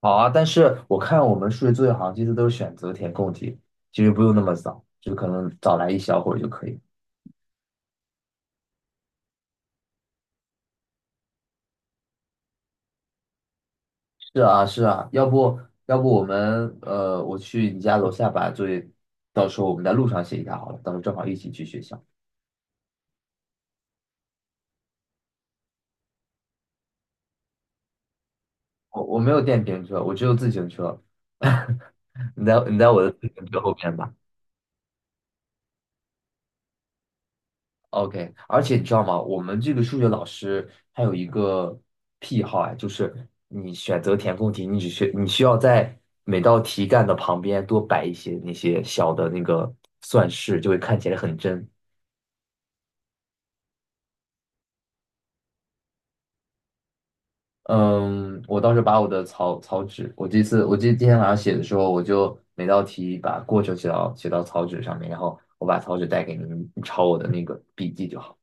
好啊，但是我看我们数学作业好像这次都是选择填空题，其实不用那么早，就可能早来一小会儿就可以。是啊，是啊，要不我们我去你家楼下把作业，到时候我们在路上写一下好了，到时候正好一起去学校。我没有电瓶车，我只有自行车，你在我的自行车后面吧。OK，而且你知道吗？我们这个数学老师他有一个癖好啊，就是你选择填空题，你只需你需要在每道题干的旁边多摆一些那些小的那个算式，就会看起来很真。嗯，我当时把我的草纸，我这次我记得今天晚上写的时候，我就每道题把过程写到草纸上面，然后我把草纸带给你，你抄我的那个笔记就好。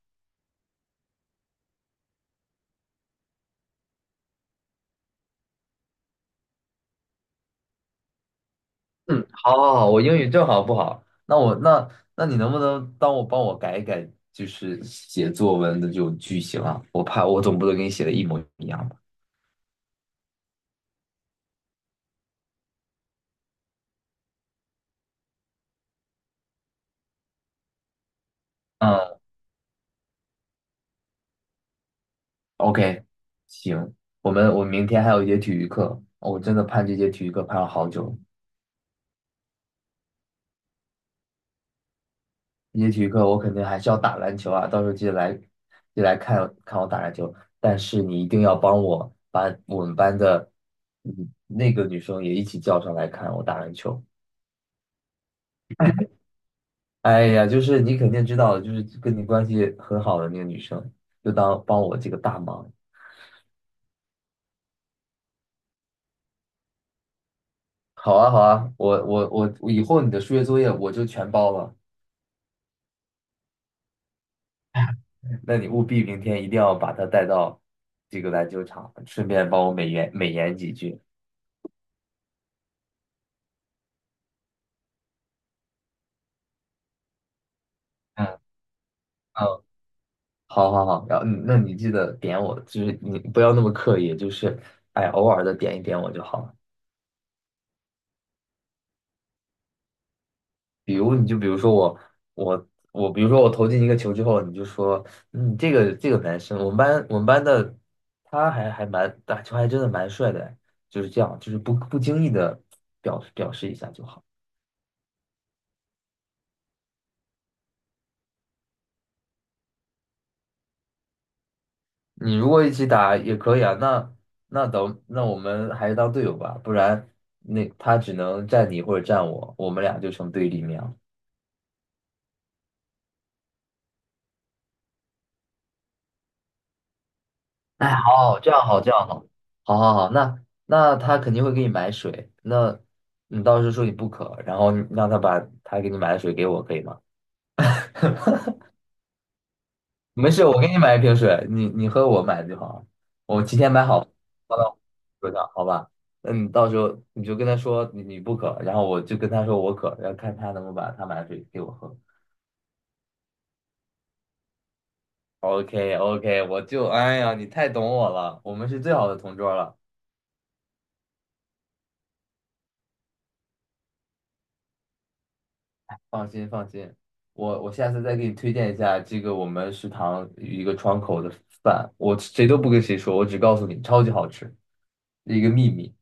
嗯，好，好，好，我英语正好不好，那我那那你能不能帮我改一改，就是写作文的这种句型啊？我怕我总不能给你写的一模一样吧？嗯，OK，行，我明天还有一节体育课，我真的盼这节体育课盼了好久了。这节体育课我肯定还是要打篮球啊，到时候记得来看看我打篮球，但是你一定要帮我把我们班的嗯那个女生也一起叫上来看我打篮球。哎呀，就是你肯定知道，就是跟你关系很好的那个女生，就当帮我这个大忙。好啊，好啊，我，以后你的数学作业我就全包了。那你务必明天一定要把她带到这个篮球场，顺便帮我美言美言几句。嗯嗯，好好好，然后那你记得点我，就是你不要那么刻意，就是哎，偶尔的点一点我就好了。比如说我，比如说我投进一个球之后，你就说，嗯，这个男生，我们班的他还蛮打球还真的蛮帅的，就是这样，就是不经意的表示一下就好。你如果一起打也可以啊，那我们还是当队友吧，不然那他只能站你或者站我，我们俩就成对立面了。哎，好好，这样好，这样好，好好好，那他肯定会给你买水，那你到时候说你不渴，然后你让他把他给你买的水给我，可以吗？没事，我给你买一瓶水，你喝我买的就好了。我提前买好放到桌上，好吧？那你到时候你就跟他说你不渴，然后我就跟他说我渴，然后看他能不能把他买的水给我喝。OK OK，我就哎呀，你太懂我了，我们是最好的同桌了。放心放心，我下次再给你推荐一下这个我们食堂一个窗口的饭，我谁都不跟谁说，我只告诉你，超级好吃，一个秘密。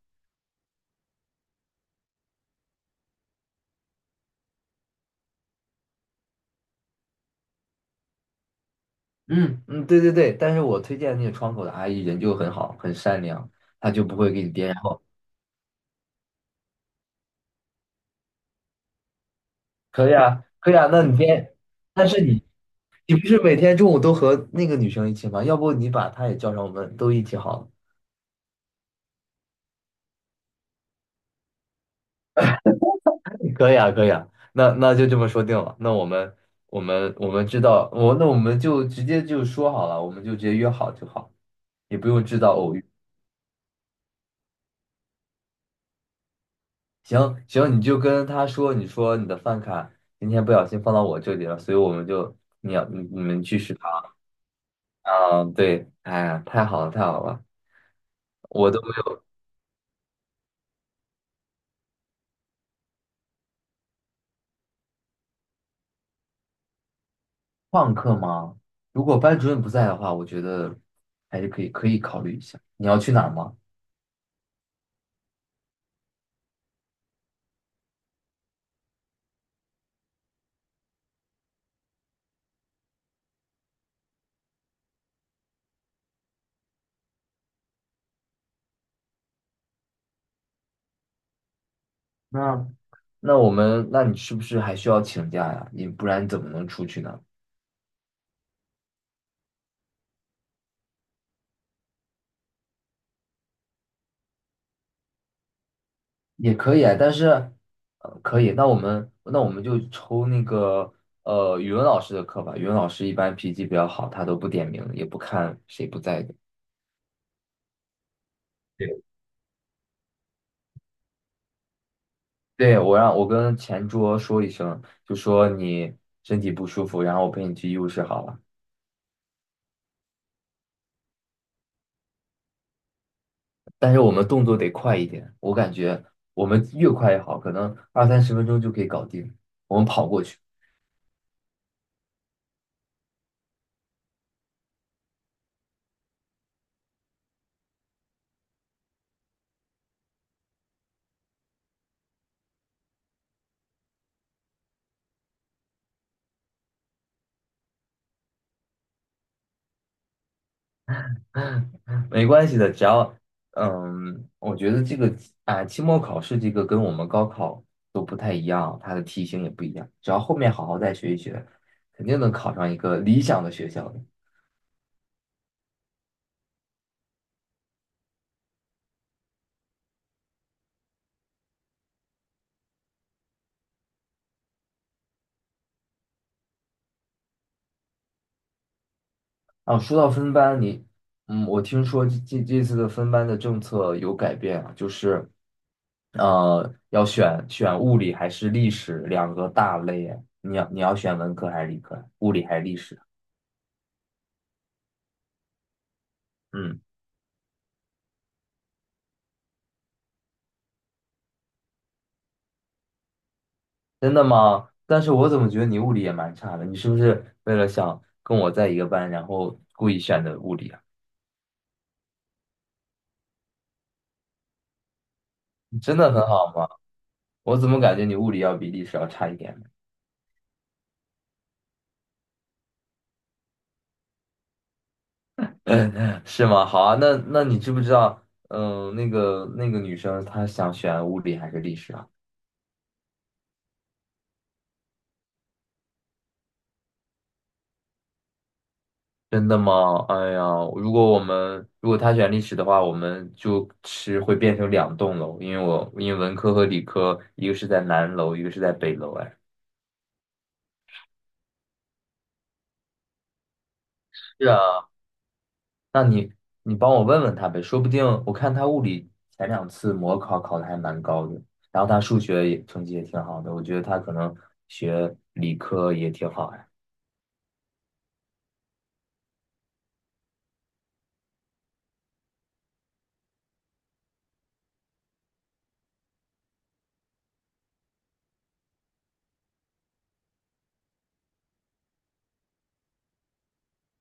嗯嗯，对对对，但是我推荐那个窗口的阿姨人就很好，很善良，她就不会给你编。然后可以啊，可以啊，那你编，但是你不是每天中午都和那个女生一起吗？要不你把她也叫上，我们都一起好了。可以啊，可以啊，那就这么说定了。那我们知道，我们就直接就说好了，我们就直接约好就好，也不用制造偶遇。行行，你就跟他说，你说你的饭卡今天不小心放到我这里了，所以我们就你要你你们去食堂啊，对，哎呀，太好了太好了，我都没有。旷课吗？如果班主任不在的话，我觉得还是可以考虑一下。你要去哪儿吗？那那我们，那你是不是还需要请假呀？你不然怎么能出去呢？也可以啊，但是，可以。那我们就抽那个语文老师的课吧。语文老师一般脾气比较好，他都不点名，也不看谁不在的。对，对，我跟前桌说一声，就说你身体不舒服，然后我陪你去医务室好了。但是我们动作得快一点，我感觉我们越快越好，可能二三十分钟就可以搞定。我们跑过去。没关系的，只要我觉得这个啊，哎期末考试这个跟我们高考都不太一样，它的题型也不一样。只要后面好好再学一学，肯定能考上一个理想的学校的。啊，说到分班，我听说这次的分班的政策有改变啊，就是要选物理还是历史两个大类啊。你要选文科还是理科？物理还是历史？嗯。真的吗？但是我怎么觉得你物理也蛮差的？你是不是为了想跟我在一个班，然后故意选的物理啊？你真的很好吗？我怎么感觉你物理要比历史要差一点呢？是吗？好啊，那你知不知道，那个女生她想选物理还是历史啊？真的吗？哎呀，如果她选历史的话，我们就是会变成两栋楼，因为文科和理科一个是在南楼，一个是在北楼，哎。是啊，那你帮我问问他呗，说不定我看他物理前两次模考考的还蛮高的，然后他数学也成绩也挺好的，我觉得他可能学理科也挺好呀。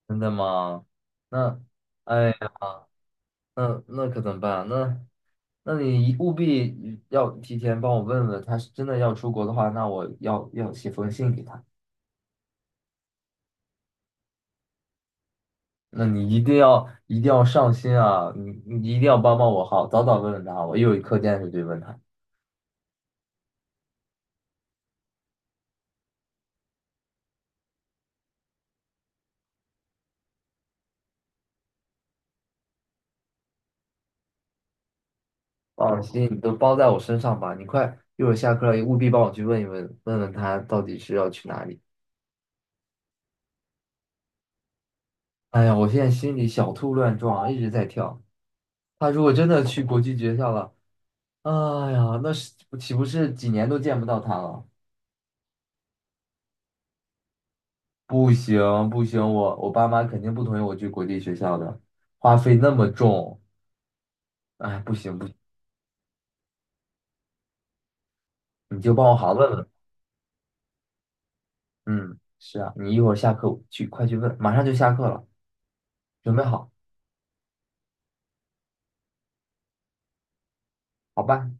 真的吗？那，哎呀，那可怎么办？那你一务必要提前帮我问问，他是真的要出国的话，那我要写封信给他。那你一定要一定要上心啊！你一定要帮帮我好，早早问问他，我一有课件是对问他。放心，你都包在我身上吧，你快，一会儿下课了，务必帮我去问一问，问问他到底是要去哪里。哎呀，我现在心里小兔乱撞，一直在跳。他如果真的去国际学校了，哎呀，那是岂不是几年都见不到他了？不行不行，我爸妈肯定不同意我去国际学校的，花费那么重，哎，不行不行，你就帮我好好问问。嗯，是啊，你一会儿下课去，快去问，马上就下课了，准备好，好吧？